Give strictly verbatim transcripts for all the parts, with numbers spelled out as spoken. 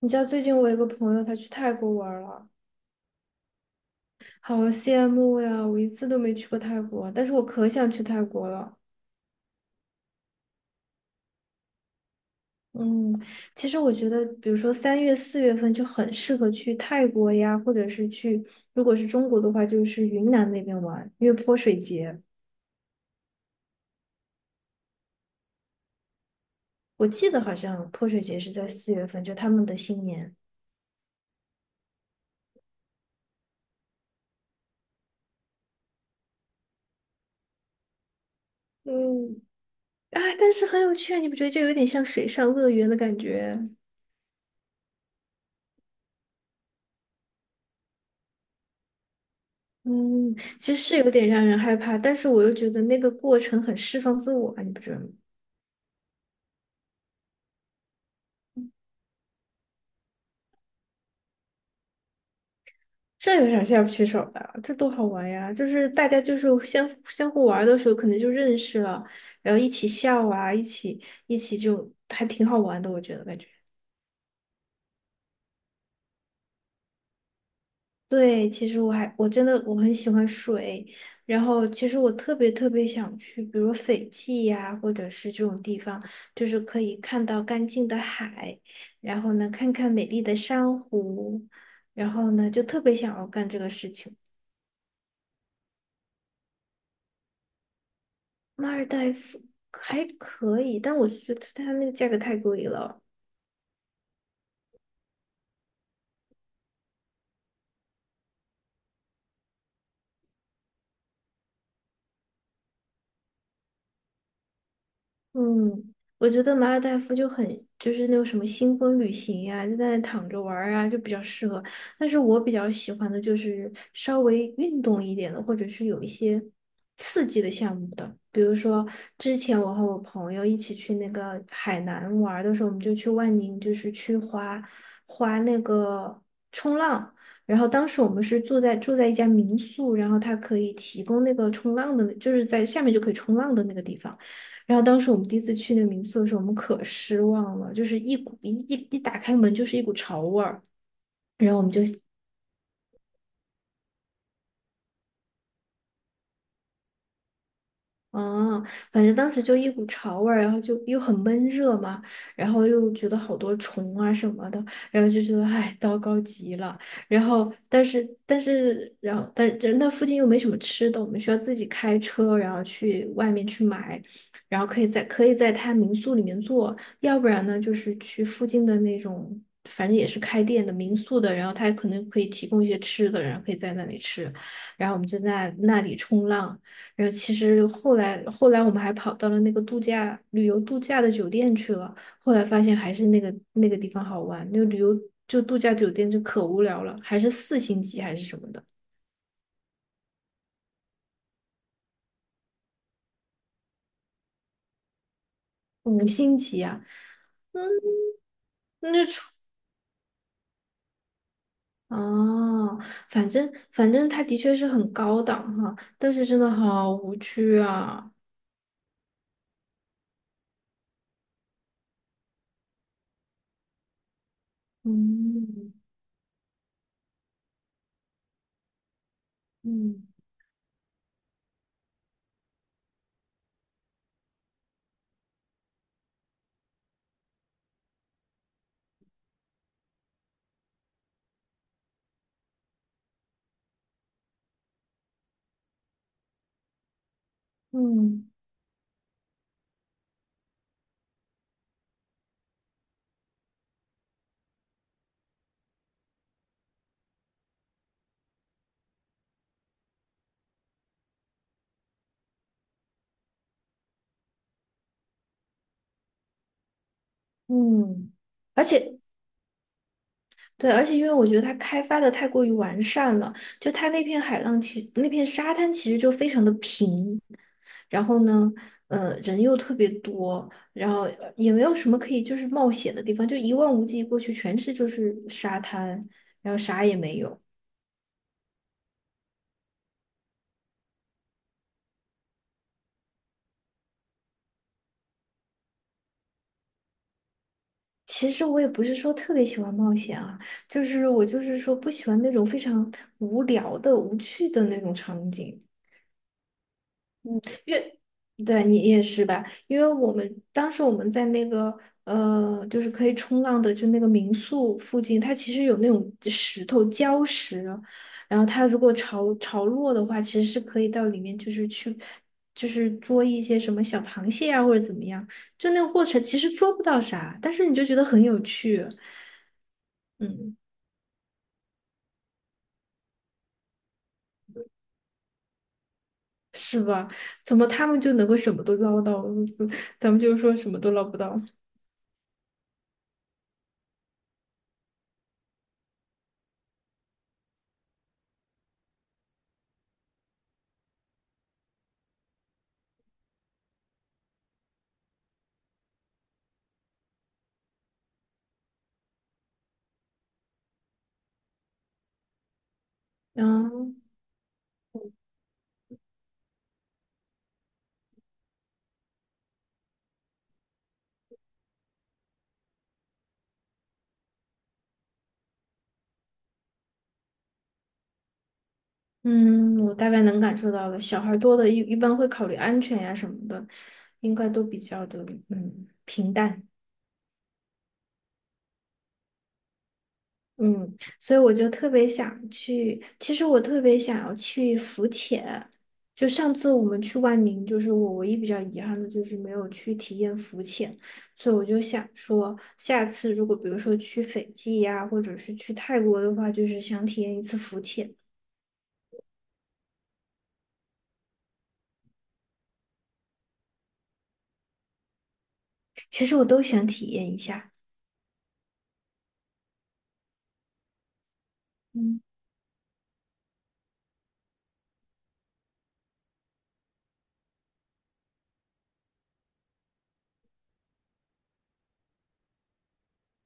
你知道最近我有个朋友，他去泰国玩儿了，好羡慕呀！我一次都没去过泰国，但是我可想去泰国了。嗯，其实我觉得，比如说三月、四月份就很适合去泰国呀，或者是去，如果是中国的话，就是云南那边玩，因为泼水节，我记得好像泼水节是在四月份，就他们的新年。嗯，哎，但是很有趣啊，你不觉得这有点像水上乐园的感觉？嗯，其实是有点让人害怕，但是我又觉得那个过程很释放自我啊，你不觉得吗？这有啥下不去手的？这多好玩呀！就是大家就是相相互玩的时候，可能就认识了，然后一起笑啊，一起一起就还挺好玩的，我觉得感觉。对，其实我还我真的我很喜欢水，然后其实我特别特别想去，比如斐济呀、或者是这种地方，就是可以看到干净的海，然后呢，看看美丽的珊瑚，然后呢，就特别想要干这个事情。马尔代夫还可以，但我觉得它那个价格太贵了。嗯，我觉得马尔代夫就很就是那种什么新婚旅行呀、就在那躺着玩儿啊，就比较适合。但是我比较喜欢的就是稍微运动一点的，或者是有一些刺激的项目的。比如说，之前我和我朋友一起去那个海南玩儿的时候，我们就去万宁，就是去滑滑那个冲浪。然后当时我们是住在住在一家民宿，然后它可以提供那个冲浪的，就是在下面就可以冲浪的那个地方。然后当时我们第一次去那个民宿的时候，我们可失望了，就是一股一一一打开门就是一股潮味儿。然后我们就哦，反正当时就一股潮味儿，然后就又很闷热嘛，然后又觉得好多虫啊什么的，然后就觉得唉，糟糕极了。然后，但是，但是，然后，但是那附近又没什么吃的，我们需要自己开车，然后去外面去买，然后可以在可以在他民宿里面做，要不然呢，就是去附近的那种，反正也是开店的民宿的，然后他可能可以提供一些吃的，然后可以在那里吃，然后我们就在那里冲浪。然后其实后来后来我们还跑到了那个度假旅游度假的酒店去了，后来发现还是那个那个地方好玩，那个旅游就度假酒店就可无聊了，还是四星级还是什么的。哦，反正反正它的确是很高档哈，但是真的好无趣啊。嗯嗯嗯嗯，而且对，而且因为我觉得它开发的太过于完善了，就它那片海浪其那片沙滩其实就非常的平，然后呢，呃，人又特别多，然后呃也没有什么可以就是冒险的地方，就一望无际过去全是就是沙滩，然后啥也没有。其实我也不是说特别喜欢冒险啊，就是我就是说不喜欢那种非常无聊的、无趣的那种场景。嗯，因为对你也是吧？因为我们当时我们在那个呃，就是可以冲浪的，就那个民宿附近，它其实有那种石头礁石，然后它如果潮潮落的话，其实是可以到里面，就是去就是捉一些什么小螃蟹啊，或者怎么样。就那个过程其实捉不到啥，但是你就觉得很有趣，嗯，是吧？怎么他们就能够什么都捞到，咱们就说什么都捞不到，嗯。嗯，我大概能感受到的，小孩多的一一般会考虑安全呀什么的，应该都比较的嗯平淡，嗯，所以我就特别想去，其实我特别想要去浮潜，就上次我们去万宁，就是我唯一比较遗憾的就是没有去体验浮潜，所以我就想说，下次如果比如说去斐济呀，或者是去泰国的话，就是想体验一次浮潜，其实我都想体验一下。嗯。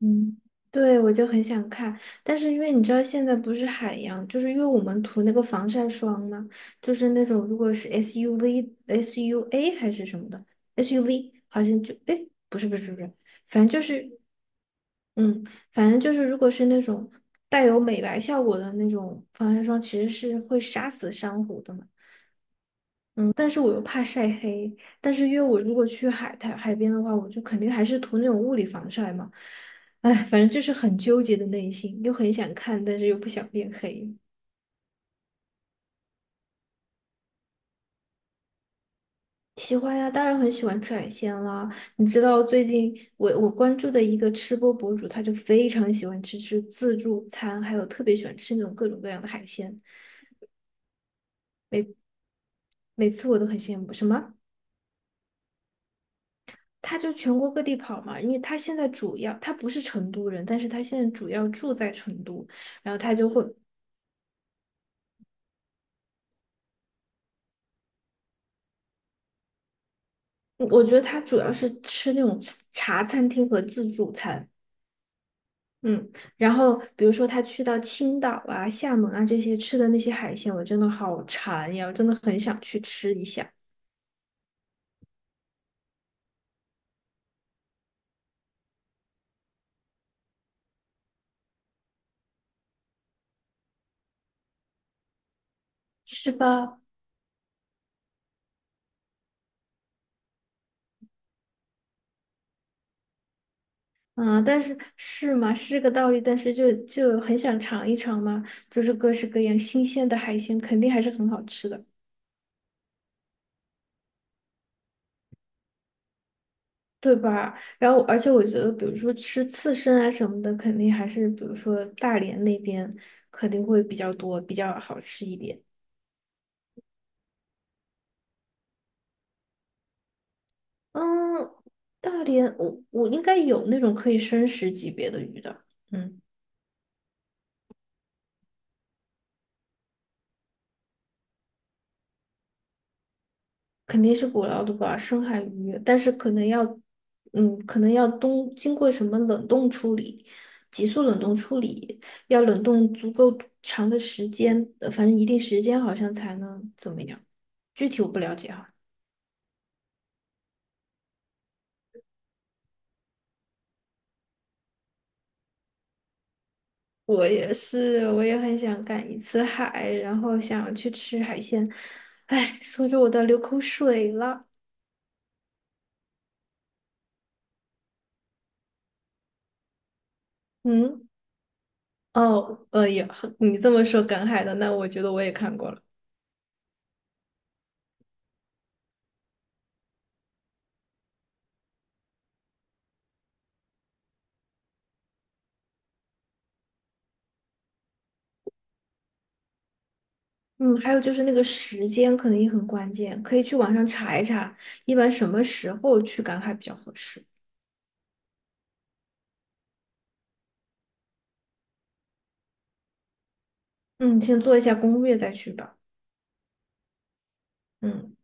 嗯，对，我就很想看，但是因为你知道现在不是海洋，就是因为我们涂那个防晒霜嘛，就是那种如果是 S U V、S U A 还是什么的 S U V，好像就哎，不是不是不是，反正就是嗯，反正就是如果是那种带有美白效果的那种防晒霜，其实是会杀死珊瑚的嘛。嗯，但是我又怕晒黑，但是因为我如果去海滩海边的话，我就肯定还是涂那种物理防晒嘛。哎，反正就是很纠结的内心，又很想看，但是又不想变黑。喜欢呀，当然很喜欢吃海鲜啦。你知道最近我我关注的一个吃播博主，他就非常喜欢吃吃自助餐，还有特别喜欢吃那种各种各样的海鲜。每次我都很羡慕。什么？他就全国各地跑嘛，因为他现在主要他不是成都人，但是他现在主要住在成都，然后他就会，我觉得他主要是吃那种茶餐厅和自助餐，嗯，然后比如说他去到青岛啊、厦门啊这些吃的那些海鲜，我真的好馋呀，我真的很想去吃一下，是吧？嗯，但是是嘛，是这个道理，但是就就很想尝一尝嘛，就是各式各样新鲜的海鲜，肯定还是很好吃的。对吧？然后，而且我觉得，比如说吃刺身啊什么的，肯定还是比如说大连那边肯定会比较多，比较好吃一点。嗯，大连我我应该有那种可以生食级别的鱼的，嗯，肯定是捕捞的吧，深海鱼，但是可能要，嗯，可能要冬经过什么冷冻处理，急速冷冻处理，要冷冻足够长的时间，呃反正一定时间好像才能怎么样，具体我不了解哈。我也是，我也很想赶一次海，然后想去吃海鲜。哎，说着我都流口水了。嗯，哦，呃，也你这么说赶海的，那我觉得我也看过了。嗯，还有就是那个时间可能也很关键，可以去网上查一查，一般什么时候去赶海比较合适。嗯，先做一下攻略再去吧。嗯。